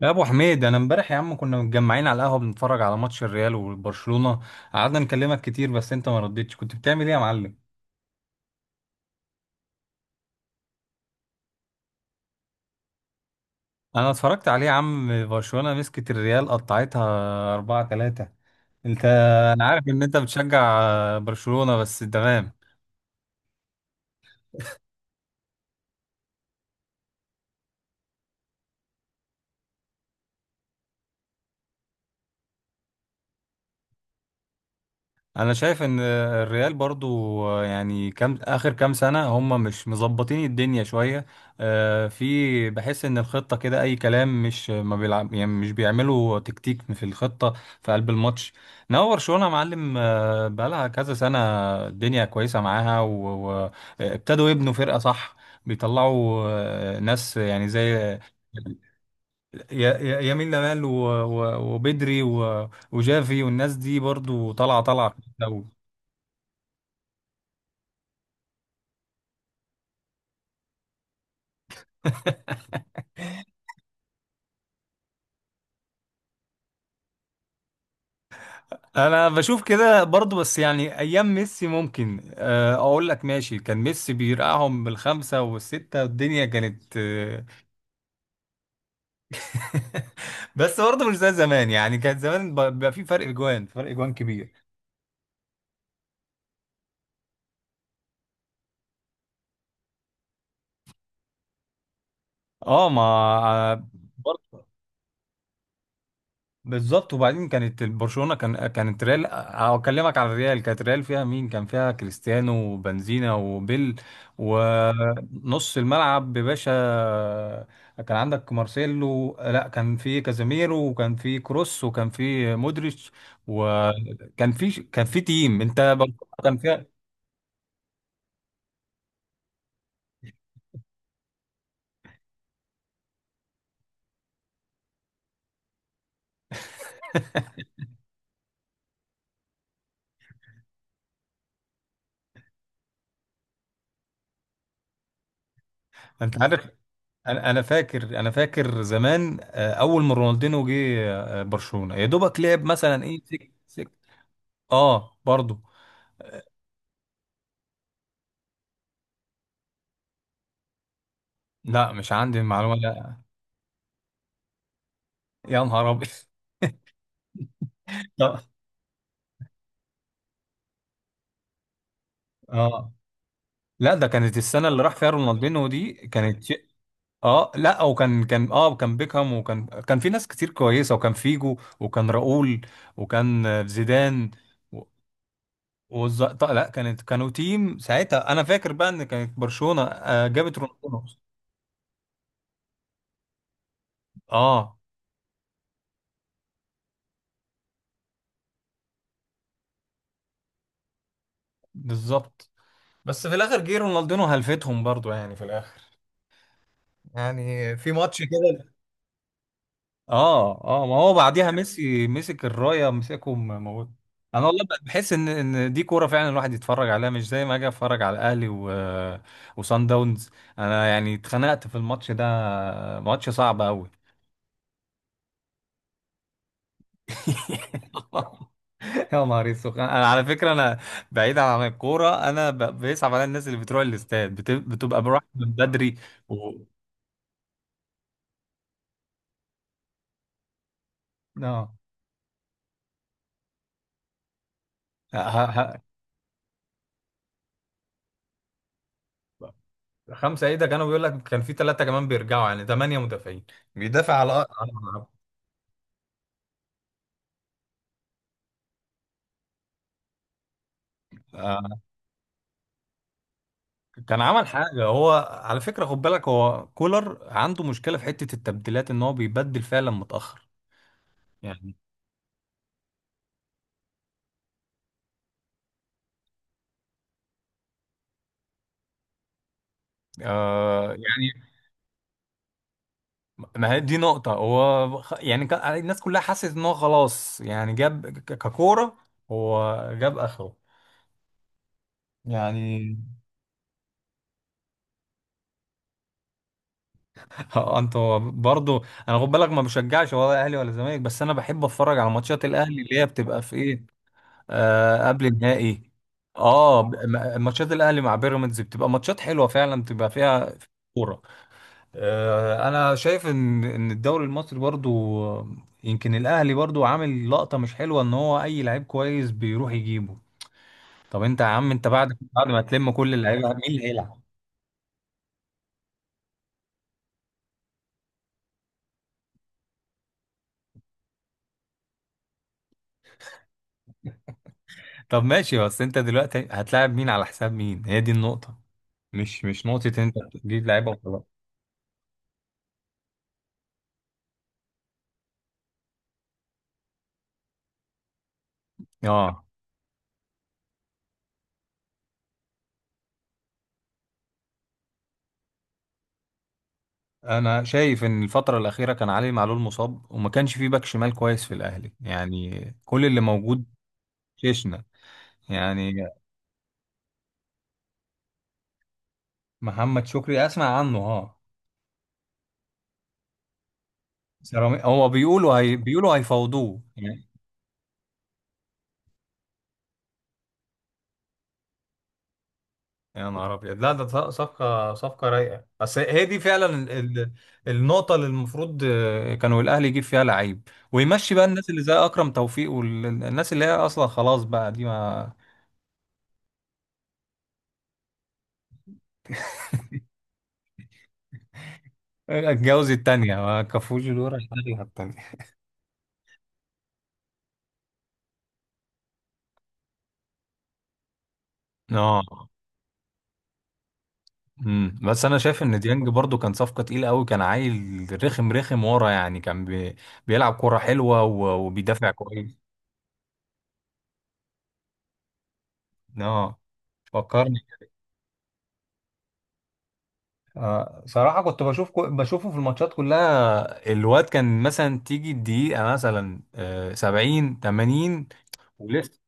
يا ابو حميد، انا امبارح يا عم كنا متجمعين على القهوه بنتفرج على ماتش الريال وبرشلونه. قعدنا نكلمك كتير بس انت ما ردتش. كنت بتعمل ايه يا معلم؟ انا اتفرجت عليه يا عم. برشلونه مسكت الريال قطعتها 4-3. انت... انا عارف ان انت بتشجع برشلونه بس، تمام. انا شايف ان الريال برضو يعني كام اخر كام سنه هم مش مظبطين الدنيا شويه. في، بحس ان الخطه كده اي كلام، مش ما بيلعب يعني مش بيعملوا تكتيك في الخطه. في قلب الماتش. انما برشلونه يا معلم، بقالها كذا سنه. الدنيا كويسه معاها وابتدوا يبنوا فرقه، صح. بيطلعوا ناس يعني زي... يمين لمال وبدري وجافي، والناس دي برضو طالعه طالعه. انا بشوف كده برضو، بس يعني ايام ميسي ممكن اقول لك ماشي. كان ميسي بيرقعهم بالخمسة والستة، والدنيا كانت بس برضو مش زي زمان يعني. كان زمان بيبقى في فرق اجوان، فرق اجوان كبير. اه، ما بالظبط. وبعدين كانت برشلونة، كانت ريال... اكلمك على الريال، كانت ريال فيها مين؟ كان فيها كريستيانو وبنزينا وبيل، ونص الملعب باشا. كان عندك مارسيلو، لا كان في كازاميرو وكان في كروس وكان في مودريتش، وكان في تيم. انت برشلونة كان فيها... انت عارف؟ انا فاكر زمان، اول ما رونالدينو جه، برشلونة يا دوبك لعب مثلا ايه، سك سك... اه برضه. لا، مش عندي المعلومة، لا. يا نهار أبيض! لا، اه، لا ده كانت السنة اللي راح فيها رونالدينو دي، كانت شيء... اه لا، وكان اه كان بيكهام، وكان كان في ناس كتير كويسة، وكان فيجو وكان راؤول، وكان زيدان. و- طيب. لا كانت، كانوا تيم ساعتها. انا فاكر بقى ان كانت برشلونة جابت رونالدينو. اه، بالظبط. بس في الاخر جه رونالدينو هلفتهم برضو يعني في الاخر، يعني في ماتش كده. اه، ما هو بعديها ميسي مسك الرايه، مسكهم موت. انا والله بقى بحس ان دي كوره فعلا، الواحد يتفرج عليها مش زي ما اجي اتفرج على الاهلي و... وسان داونز. انا يعني اتخنقت في الماتش ده، ماتش صعب قوي. يا نهار اسود! انا على فكره، انا بعيد عن الكوره، انا بيصعب عليا الناس اللي بتروح الاستاد بتبقى بروح من بدري و... اه، ه... ه... ه- خمسه ايه ده! كانوا بيقول لك كان في ثلاثه كمان بيرجعوا، يعني ثمانيه مدافعين بيدافع على على- كان عمل حاجة هو. على فكرة خد بالك، هو كولر عنده مشكلة في حتة التبديلات، ان هو بيبدل فعلا متأخر يعني. يعني ما هي دي نقطة، هو يعني الناس كلها حست ان هو خلاص يعني، جاب ككورة، هو جاب اخره يعني. اه، انتوا برضو انا خد بالك ما بشجعش ولا اهلي ولا زمالك، بس انا بحب اتفرج على ماتشات الاهلي اللي هي بتبقى في ايه، قبل النهائي. اه، ماتشات الاهلي مع بيراميدز بتبقى ماتشات حلوه فعلا، بتبقى فيها كوره. انا شايف ان الدوري المصري برضو، يمكن الاهلي برضو عامل لقطه مش حلوه، ان هو اي لعيب كويس بيروح يجيبه. طب انت يا عم، انت بعد ما تلم كل اللعيبه، مين اللي هيلعب؟ طب ماشي، بس انت دلوقتي هتلاعب مين على حساب مين؟ هي دي النقطه. مش نقطه انت تجيب لعيبه وخلاص. اه، انا شايف ان الفتره الاخيره كان علي معلول مصاب، وما كانش فيه باك شمال كويس في الاهلي، يعني كل اللي موجود شيشنا يعني. محمد شكري، اسمع عنه اه. هو بيقولوا بيقولوا هيفاوضوه يعني. يا نهار ابيض! لا ده صفقه رايقه، بس هي دي فعلا ال- النقطه اللي المفروض كانوا الاهلي يجيب فيها لعيب ويمشي بقى. الناس اللي زي اكرم توفيق والناس اللي هي اصلا خلاص بقى دي، ما اتجوز التانية ما كفوش الورق. التانية. اه. بس انا شايف ان ديانج برضو كان صفقه تقيله قوي، كان عيل رخم رخم ورا يعني، كان بي... بيلعب كوره حلوه وبيدافع كويس. اه، فكرني. صراحه كنت بشوف بشوفه في الماتشات كلها. الواد كان مثلا تيجي الدقيقه مثلا 70 80، ولسه.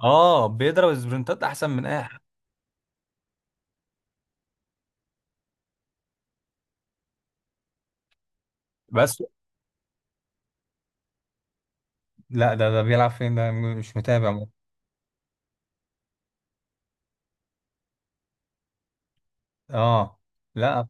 اه بيضرب سبرنتات احسن من اي حد. بس. لا ده بيلعب فين؟ ده مش متابع. اه. لا.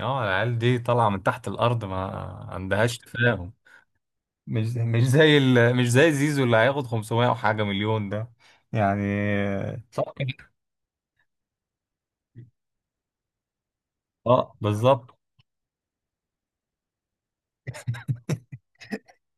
اه، العيال دي طالعه من تحت الارض، ما عندهاش تفاهم. مش زي زيزو اللي هياخد 500 وحاجة مليون ده يعني. صفقة... اه، بالظبط.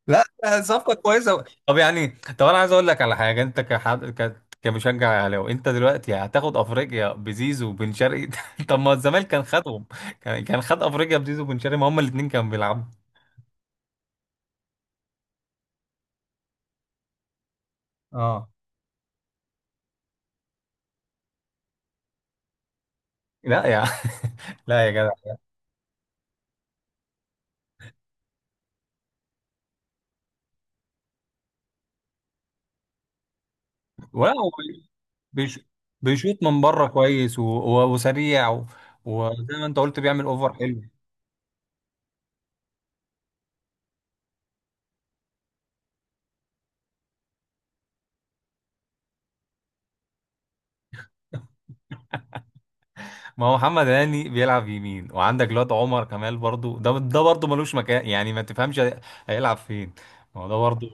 لا لا، صفقة كويسة. طب يعني انا عايز اقول لك على حاجة. انت كحد كمشجع اهلاوي، انت دلوقتي هتاخد افريقيا بزيزو وبن شرقي. طب ما الزمالك كان خدهم، كان خد افريقيا بزيزو وبن شرقي، ما هما الاثنين كانوا بيلعبوا. اه. لا يا... لا يا جدع. ولا هو بيش... بيشوط من بره كويس وسريع و... وزي ما انت قلت بيعمل اوفر حلو. ما هو محمد هاني بيلعب يمين، وعندك الواد عمر كمال برضو، ده برضو ملوش مكان، يعني ما تفهمش هيلعب فين؟ ما هو ده برضو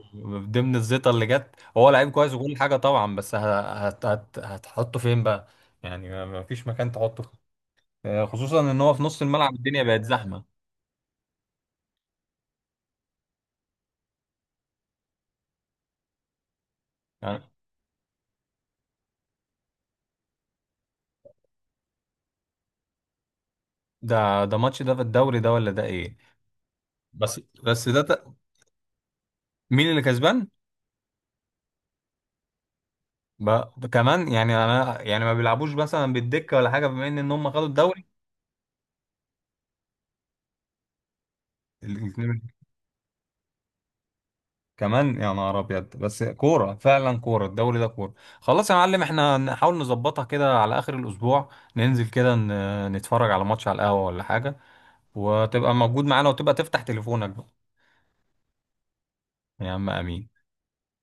ضمن الزيطه اللي جت، هو لعيب كويس وكل حاجه طبعا، بس هت هت هتحطه فين بقى؟ يعني ما فيش مكان تحطه فيه. خصوصا ان هو في نص الملعب الدنيا بقت زحمه يعني. ده ماتش ده في الدوري ده ولا ده ايه؟ بس ده مين اللي كسبان؟ بقى كمان، يعني انا يعني ما بيلعبوش مثلا بالدكه ولا حاجه بما ان هم خدوا الدوري. الاثنين. كمان، يا نهار ابيض! بس كوره فعلا، كوره الدوري ده كوره. خلاص يا معلم، احنا نحاول نظبطها كده على اخر الاسبوع. ننزل كده نتفرج على ماتش على القهوه ولا حاجه، وتبقى موجود معانا، وتبقى تفتح تليفونك بقى. يا عم امين.